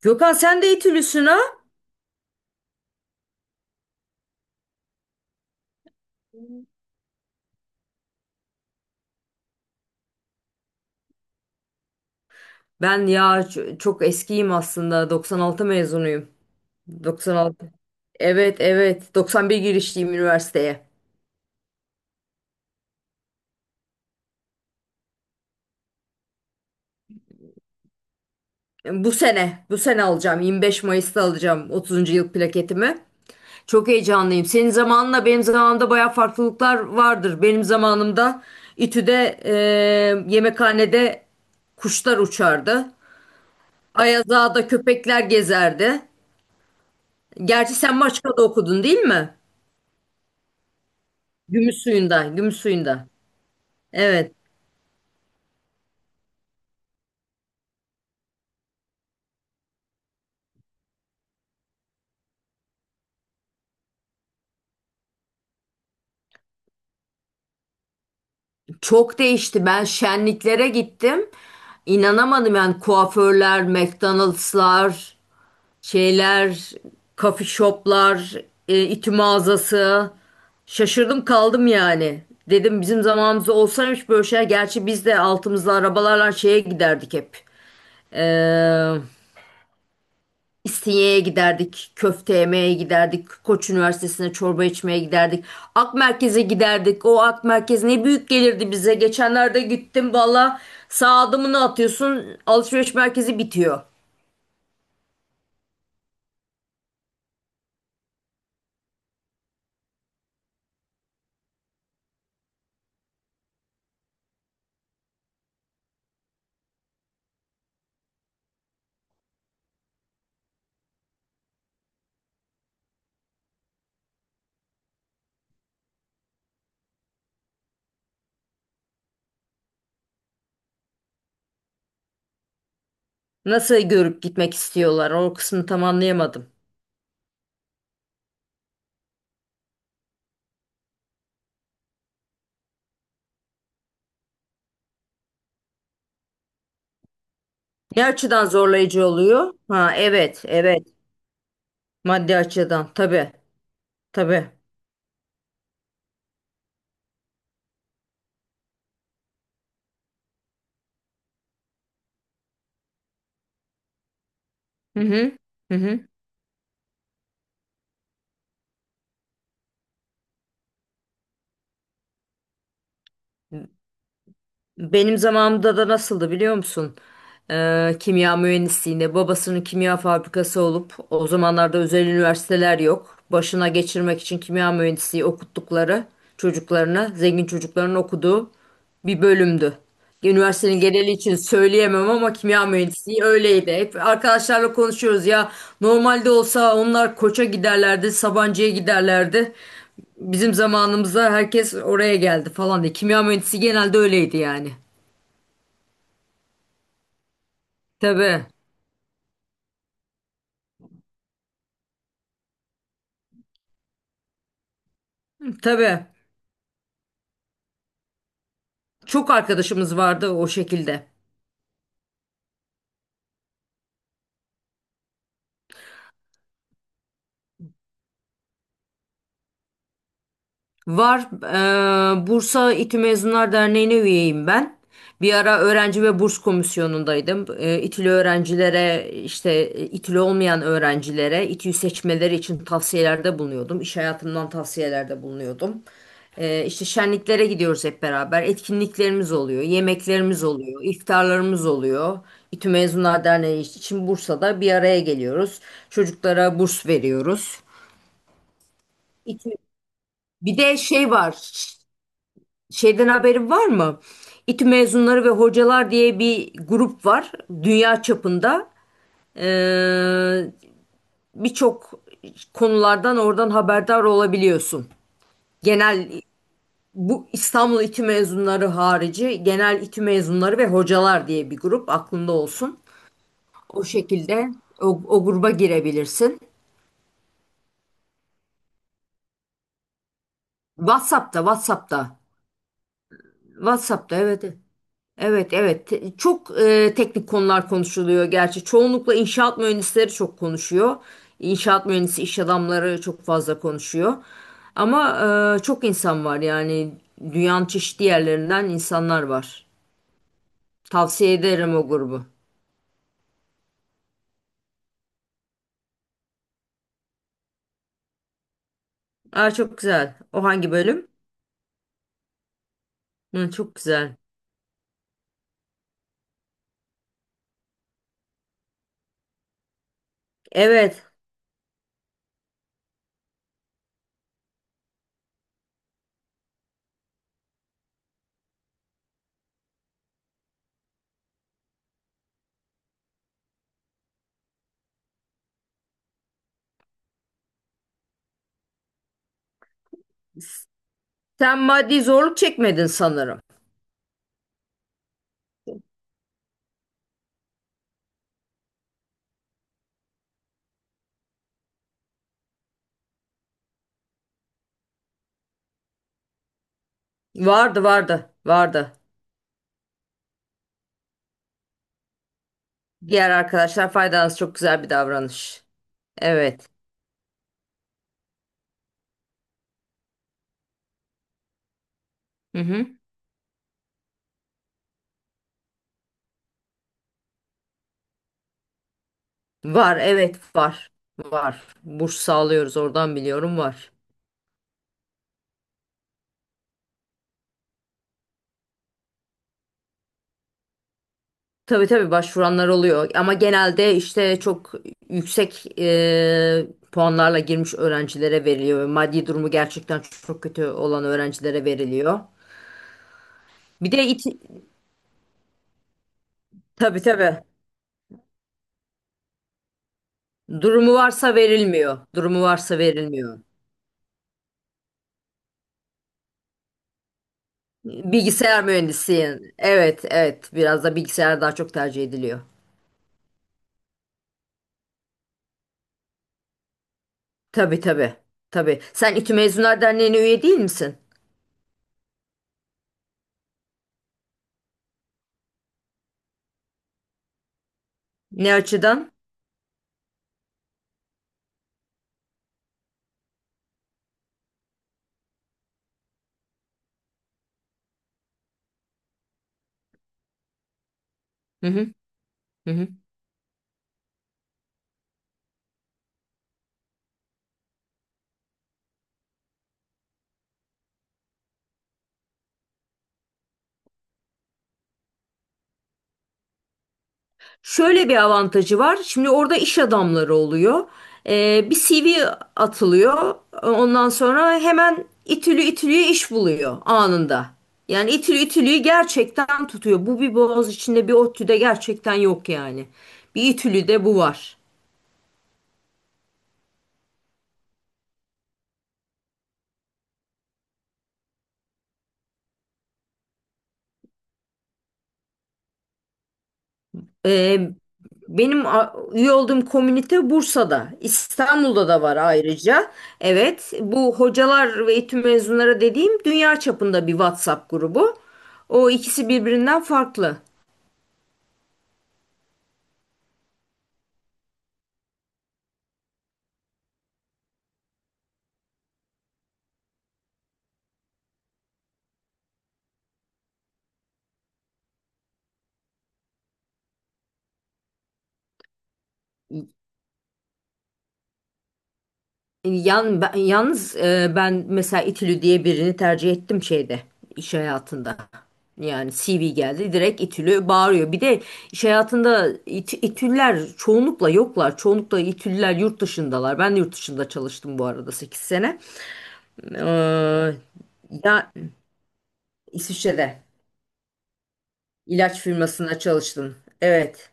Gökhan, sen de İTÜ'lüsün, ha? Ben ya çok eskiyim aslında. 96 mezunuyum. 96. Evet evet. 91 girişliyim üniversiteye. Bu sene alacağım. 25 Mayıs'ta alacağım 30. yıl plaketimi. Çok heyecanlıyım. Senin zamanınla benim zamanımda baya farklılıklar vardır. Benim zamanımda İTÜ'de yemekhanede kuşlar uçardı. Ayazağa'da köpekler gezerdi. Gerçi sen Maçka'da okudun, değil mi? Gümüşsuyu'nda, Gümüşsuyu'nda. Evet, çok değişti. Ben şenliklere gittim. İnanamadım yani. Kuaförler, McDonald'slar, şeyler, coffee shoplar, ütü mağazası. Şaşırdım kaldım yani. Dedim bizim zamanımızda olsaymış böyle şeyler. Gerçi biz de altımızda arabalarla şeye giderdik hep. Ee, İstinye'ye giderdik, köfte yemeye giderdik, Koç Üniversitesi'ne çorba içmeye giderdik. Ak Merkez'e giderdik. O Ak Merkez ne büyük gelirdi bize. Geçenlerde gittim valla, sağ adımını atıyorsun alışveriş merkezi bitiyor. Nasıl görüp gitmek istiyorlar, o kısmını tam anlayamadım. Ne açıdan zorlayıcı oluyor? Ha, evet evet, maddi açıdan, tabii tabii. Hı hı. Hı hı. Benim zamanımda da nasıldı, biliyor musun? Kimya mühendisliğinde babasının kimya fabrikası olup o zamanlarda özel üniversiteler yok. Başına geçirmek için kimya mühendisliği okuttukları çocuklarına, zengin çocukların okuduğu bir bölümdü. Üniversitenin geneli için söyleyemem ama kimya mühendisliği öyleydi. Hep arkadaşlarla konuşuyoruz ya, normalde olsa onlar Koç'a giderlerdi, Sabancı'ya giderlerdi. Bizim zamanımızda herkes oraya geldi falan diye. Kimya mühendisi genelde öyleydi yani. Tabii, tabii. Çok arkadaşımız vardı o şekilde. Var. Bursa İTÜ Mezunlar Derneği'ne üyeyim ben. Bir ara öğrenci ve burs komisyonundaydım. İTÜ'lü öğrencilere, işte İTÜ'lü olmayan öğrencilere İTÜ'yü seçmeleri için tavsiyelerde bulunuyordum. İş hayatımdan tavsiyelerde bulunuyordum. İşte şenliklere gidiyoruz hep beraber. Etkinliklerimiz oluyor, yemeklerimiz oluyor, iftarlarımız oluyor. İTÜ Mezunlar Derneği için Bursa'da bir araya geliyoruz. Çocuklara burs veriyoruz. İTÜ- Bir de şey var. Şeyden haberin var mı? İTÜ mezunları ve hocalar diye bir grup var dünya çapında. Ee, birçok konulardan oradan haberdar olabiliyorsun. Genel, bu İstanbul İTÜ mezunları harici genel İTÜ mezunları ve hocalar diye bir grup aklında olsun. O şekilde o gruba girebilirsin. WhatsApp'ta, WhatsApp'ta. WhatsApp'ta, evet. Evet. Evet evet. Çok teknik konular konuşuluyor gerçi. Çoğunlukla inşaat mühendisleri çok konuşuyor. İnşaat mühendisi iş adamları çok fazla konuşuyor. Ama çok insan var yani. Dünyanın çeşitli yerlerinden insanlar var. Tavsiye ederim o grubu. Aa, çok güzel. O hangi bölüm? Hı, çok güzel. Evet. Sen maddi zorluk çekmedin sanırım. Vardı vardı vardı. Diğer arkadaşlar faydalanız çok güzel bir davranış. Evet. Hı hı. Var evet var. Var. Burs sağlıyoruz, oradan biliyorum var. Tabii tabii başvuranlar oluyor ama genelde işte çok yüksek puanlarla girmiş öğrencilere veriliyor. Maddi durumu gerçekten çok kötü olan öğrencilere veriliyor. Bir de iti, tabii tabii, durumu varsa verilmiyor. Durumu varsa verilmiyor. Bilgisayar mühendisi, yani. Evet evet, biraz da bilgisayar daha çok tercih ediliyor. Tabii tabii tabii. Sen İTÜ Mezunlar Derneği'ne üye değil misin? Ne açıdan? Hı hı. Hı hı. Şöyle bir avantajı var. Şimdi orada iş adamları oluyor. Bir CV atılıyor. Ondan sonra hemen itülü itülüye iş buluyor anında. Yani itülü itülüyü gerçekten tutuyor. Bu bir boğaz içinde bir ODTÜ'de gerçekten yok yani. Bir itülüde bu var. Ee, benim üye olduğum komünite Bursa'da, İstanbul'da da var ayrıca. Evet, bu hocalar ve eğitim mezunları dediğim dünya çapında bir WhatsApp grubu. O ikisi birbirinden farklı. Yalnız ben mesela İTÜ'lü diye birini tercih ettim şeyde, iş hayatında. Yani CV geldi, direkt İTÜ'lü bağırıyor. Bir de iş hayatında İTÜ'lüler çoğunlukla yoklar. Çoğunlukla İTÜ'lüler yurt dışındalar. Ben de yurt dışında çalıştım bu arada, 8 sene. Ee, ya İsviçre'de ilaç firmasında çalıştım. Evet.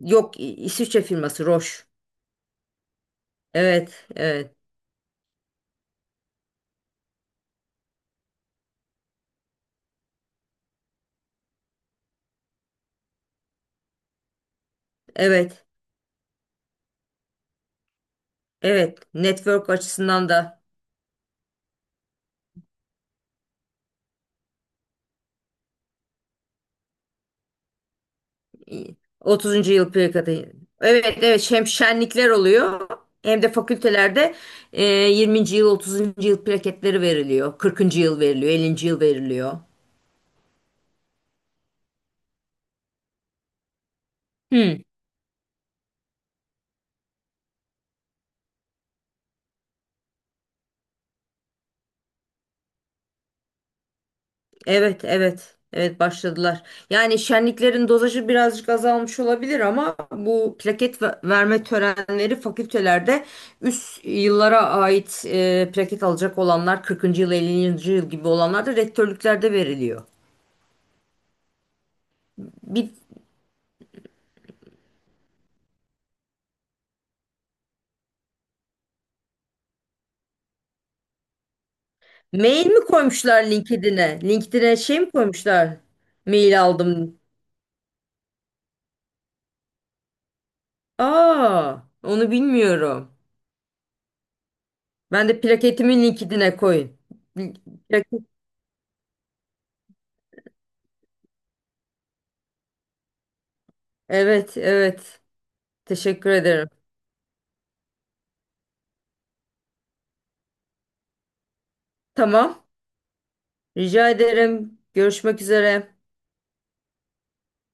Yok, İsviçre firması Roche. Evet, evet, evet, evet. Network açısından da. 30. yıl plakatı. Evet evet, hem şenlikler oluyor hem de fakültelerde 20. yıl, 30. yıl plaketleri veriliyor. 40. yıl veriliyor, 50. yıl veriliyor. Hmm, evet evet. Evet başladılar. Yani şenliklerin dozajı birazcık azalmış olabilir ama bu plaket verme törenleri fakültelerde, üst yıllara ait plaket alacak olanlar, 40. yıl 50. yıl gibi olanlar da rektörlüklerde veriliyor. Bir Mail mi koymuşlar LinkedIn'e? LinkedIn'e şey mi koymuşlar? Mail aldım. Aa, onu bilmiyorum. Ben de plaketimi LinkedIn'e koyun. Plaket- Evet, evet. Teşekkür ederim. Tamam. Rica ederim. Görüşmek üzere.